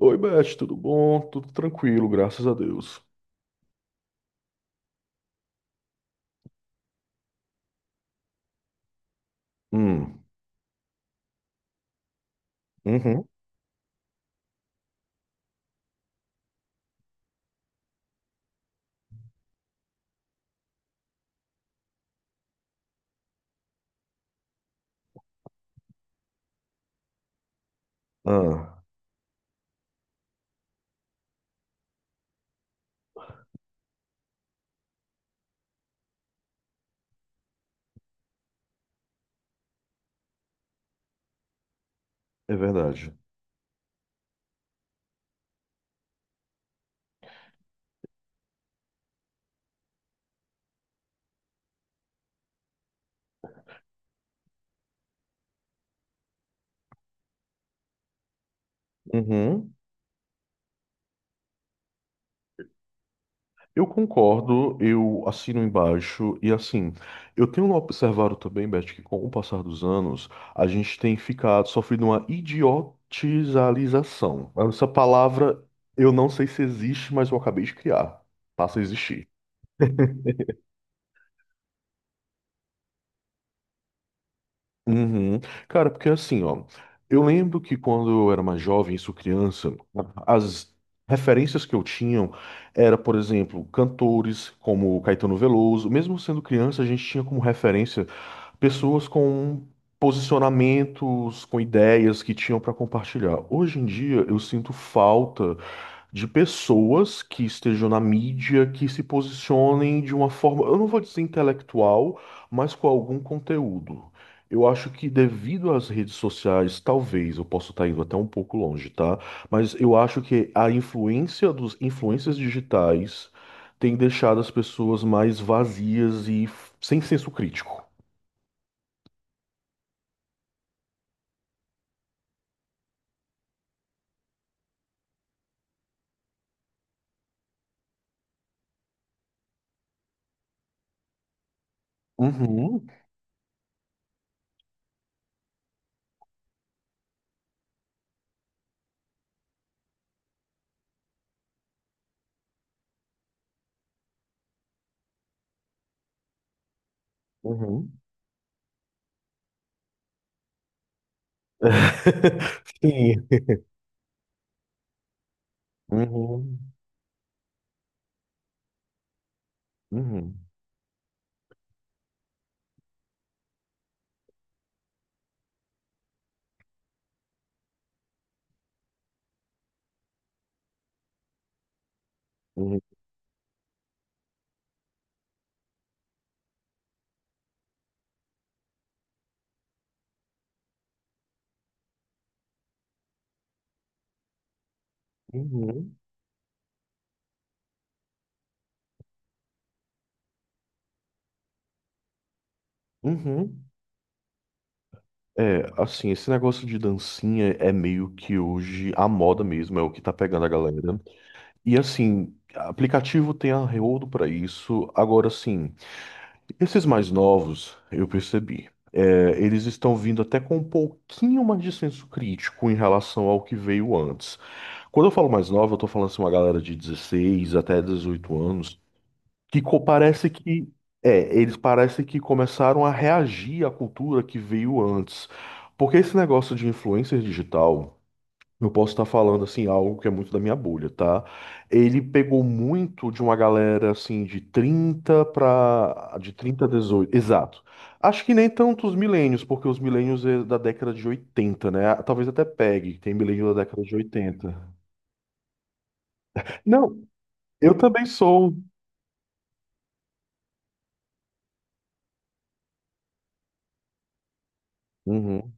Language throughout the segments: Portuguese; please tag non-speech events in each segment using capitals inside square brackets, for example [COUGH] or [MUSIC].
Oi, Beth, tudo bom? Tudo tranquilo, graças a Deus. Hum, uhum, ah, é verdade. Uhum. Eu concordo, eu assino embaixo e assim, eu tenho observado também, Beth, que com o passar dos anos, a gente tem ficado sofrendo uma idiotização. Essa palavra eu não sei se existe, mas eu acabei de criar. Passa a existir. Uhum. Cara, porque assim, ó, eu lembro que quando eu era mais jovem, isso criança, as referências que eu tinha era, por exemplo, cantores como Caetano Veloso. Mesmo sendo criança, a gente tinha como referência pessoas com posicionamentos, com ideias que tinham para compartilhar. Hoje em dia, eu sinto falta de pessoas que estejam na mídia, que se posicionem de uma forma, eu não vou dizer intelectual, mas com algum conteúdo. Eu acho que devido às redes sociais, talvez, eu posso estar indo até um pouco longe, tá? Mas eu acho que a influência dos influências digitais tem deixado as pessoas mais vazias e sem senso crítico. Uhum, uhum, [LAUGHS] Sim. Uhum, uhum, uhum, uhum, uhum. É, assim, esse negócio de dancinha é meio que hoje a moda mesmo, é o que tá pegando a galera. E assim, aplicativo tem arreodo pra isso. Agora, assim, esses mais novos, eu percebi, é, eles estão vindo até com um pouquinho mais de senso crítico em relação ao que veio antes. Quando eu falo mais nova, eu tô falando assim, uma galera de 16 até 18 anos. Parece que é, eles parecem que começaram a reagir à cultura que veio antes. Porque esse negócio de influencer digital, eu posso estar falando assim algo que é muito da minha bolha, tá? Ele pegou muito de uma galera assim de 30 para de 30 a 18, exato. Acho que nem tanto os milênios, porque os milênios é da década de 80, né? Talvez até pegue, tem milênio da década de 80. Não, eu também sou. Uhum.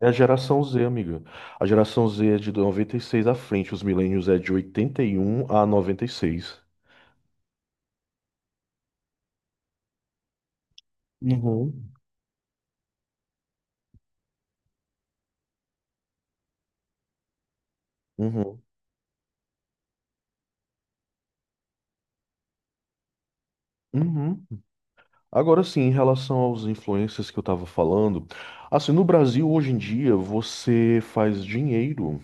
É a geração Z, amiga. A geração Z é de 96 à frente, os milênios é de 81 a 96. Uhum. Uhum. Uhum. Agora sim, em relação aos influencers que eu tava falando, assim, no Brasil hoje em dia você faz dinheiro.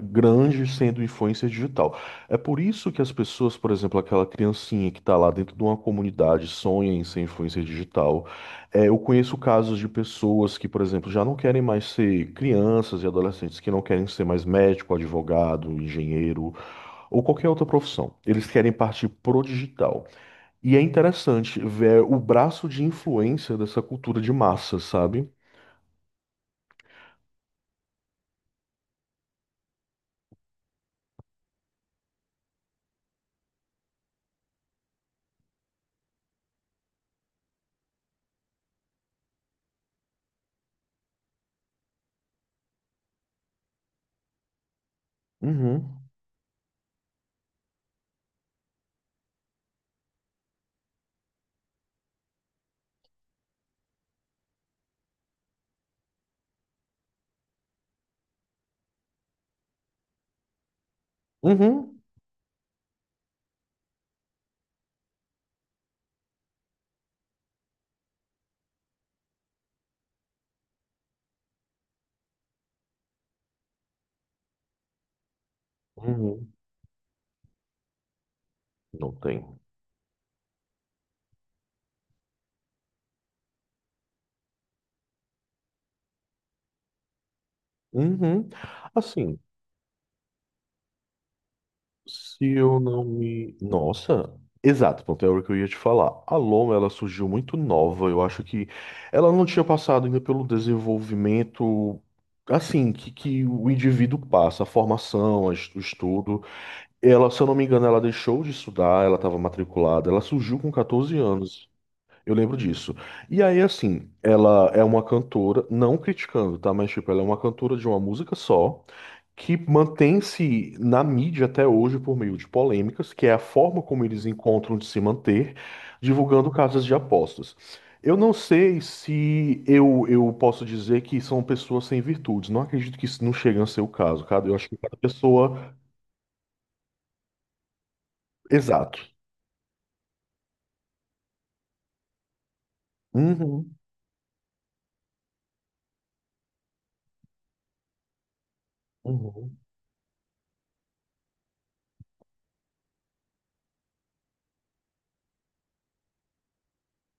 Grandes sendo influência digital. É por isso que as pessoas, por exemplo, aquela criancinha que está lá dentro de uma comunidade sonha em ser influência digital. É, eu conheço casos de pessoas que, por exemplo, já não querem mais ser crianças e adolescentes, que não querem ser mais médico, advogado, engenheiro ou qualquer outra profissão. Eles querem partir pro digital. E é interessante ver o braço de influência dessa cultura de massa, sabe? Uhum. Uhum. Uhum. Não tem. Uhum. Assim, se eu não me. Nossa! Exato, pronto, é o que eu ia te falar. A Loma, ela surgiu muito nova. Eu acho que ela não tinha passado ainda pelo desenvolvimento, assim, que o indivíduo passa, a formação, o estudo. Ela, se eu não me engano, ela deixou de estudar, ela estava matriculada, ela surgiu com 14 anos. Eu lembro disso. E aí, assim, ela é uma cantora, não criticando, tá? Mas, tipo, ela é uma cantora de uma música só que mantém-se na mídia até hoje por meio de polêmicas, que é a forma como eles encontram de se manter, divulgando casas de apostas. Eu não sei se eu posso dizer que são pessoas sem virtudes. Não acredito que isso não chegue a ser o caso, cara. Eu acho que cada pessoa. Exato. Uhum, uhum,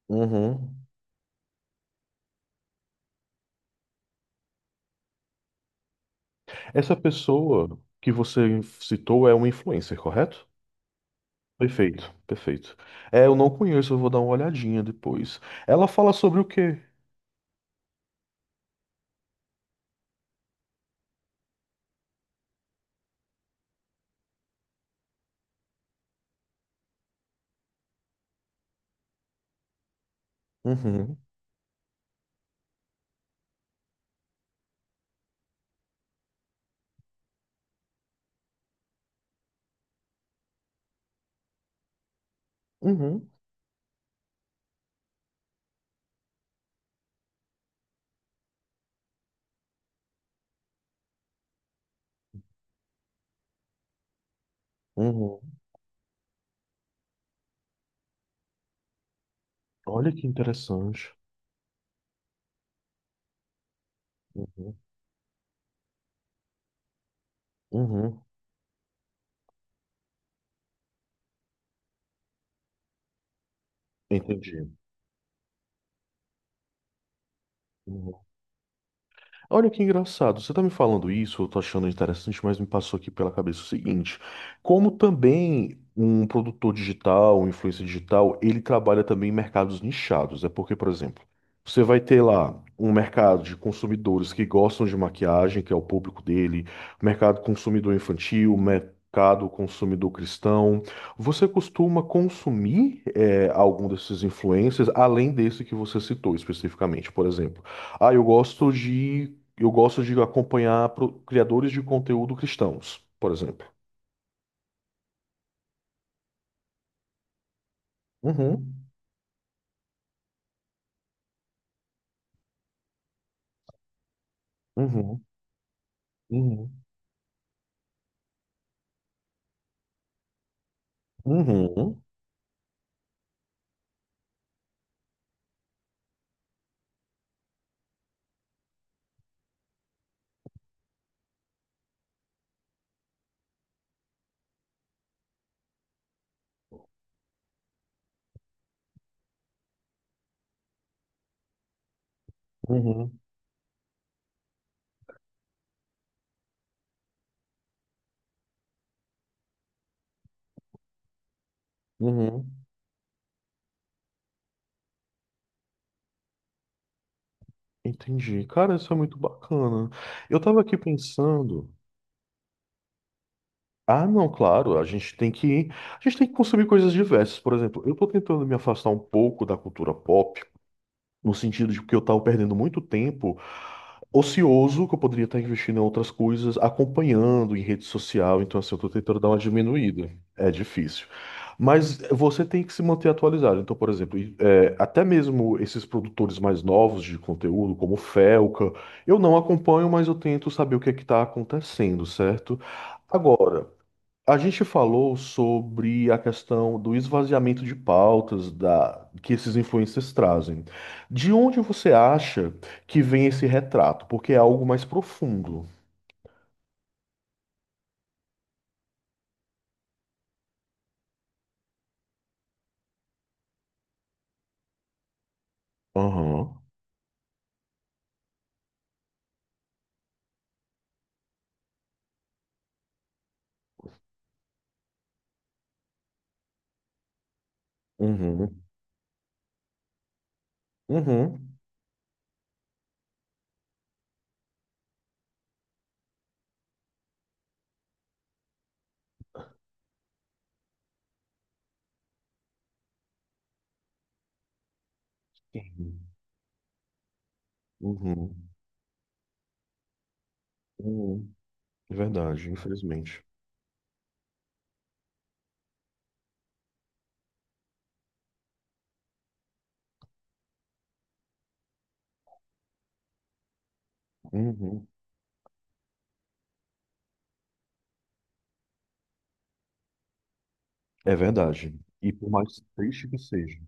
uhum. Essa pessoa que você citou é uma influencer, correto? Perfeito, perfeito. É, eu não conheço, eu vou dar uma olhadinha depois. Ela fala sobre o quê? Uhum. Uhum, uhum. Olha que interessante. Uhum, uhum. Entendi. Uhum. Olha que engraçado, você tá me falando isso, eu tô achando interessante, mas me passou aqui pela cabeça o seguinte: como também um produtor digital, um influencer digital, ele trabalha também em mercados nichados. É porque, por exemplo, você vai ter lá um mercado de consumidores que gostam de maquiagem, que é o público dele, mercado consumidor infantil, mercado consumidor cristão. Você costuma consumir eh, algum desses influencers, além desse que você citou especificamente, por exemplo? Ah, eu gosto de eu gosto de acompanhar criadores de conteúdo cristãos, por exemplo. Uhum, uhum, uhum, uhum, uhum, uhum. Entendi. Cara, isso é muito bacana. Eu tava aqui pensando. Ah, não, claro, a gente tem que consumir coisas diversas. Por exemplo, eu tô tentando me afastar um pouco da cultura pop, no sentido de que eu estava perdendo muito tempo ocioso, que eu poderia estar investindo em outras coisas, acompanhando em rede social. Então, assim, eu estou tentando dar uma diminuída. É difícil. Mas você tem que se manter atualizado. Então, por exemplo, até mesmo esses produtores mais novos de conteúdo, como o Felca, eu não acompanho, mas eu tento saber o que é que está acontecendo, certo? Agora. A gente falou sobre a questão do esvaziamento de pautas da, que esses influencers trazem. De onde você acha que vem esse retrato? Porque é algo mais profundo. Aham. Uhum. Uhum. Sim. Uhum. Uhum. É verdade, infelizmente. Uhum. É verdade. E por mais triste que seja.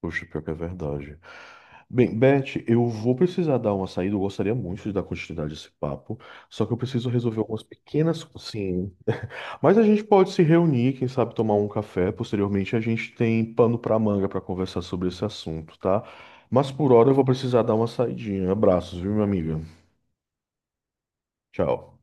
Poxa, pior que é verdade. Bem, Beth, eu vou precisar dar uma saída. Eu gostaria muito de dar continuidade a esse papo, só que eu preciso resolver algumas pequenas coisinhas. Mas a gente pode se reunir, quem sabe tomar um café. Posteriormente, a gente tem pano para manga para conversar sobre esse assunto, tá? Mas por hora eu vou precisar dar uma saidinha. Abraços, viu, minha amiga? Tchau.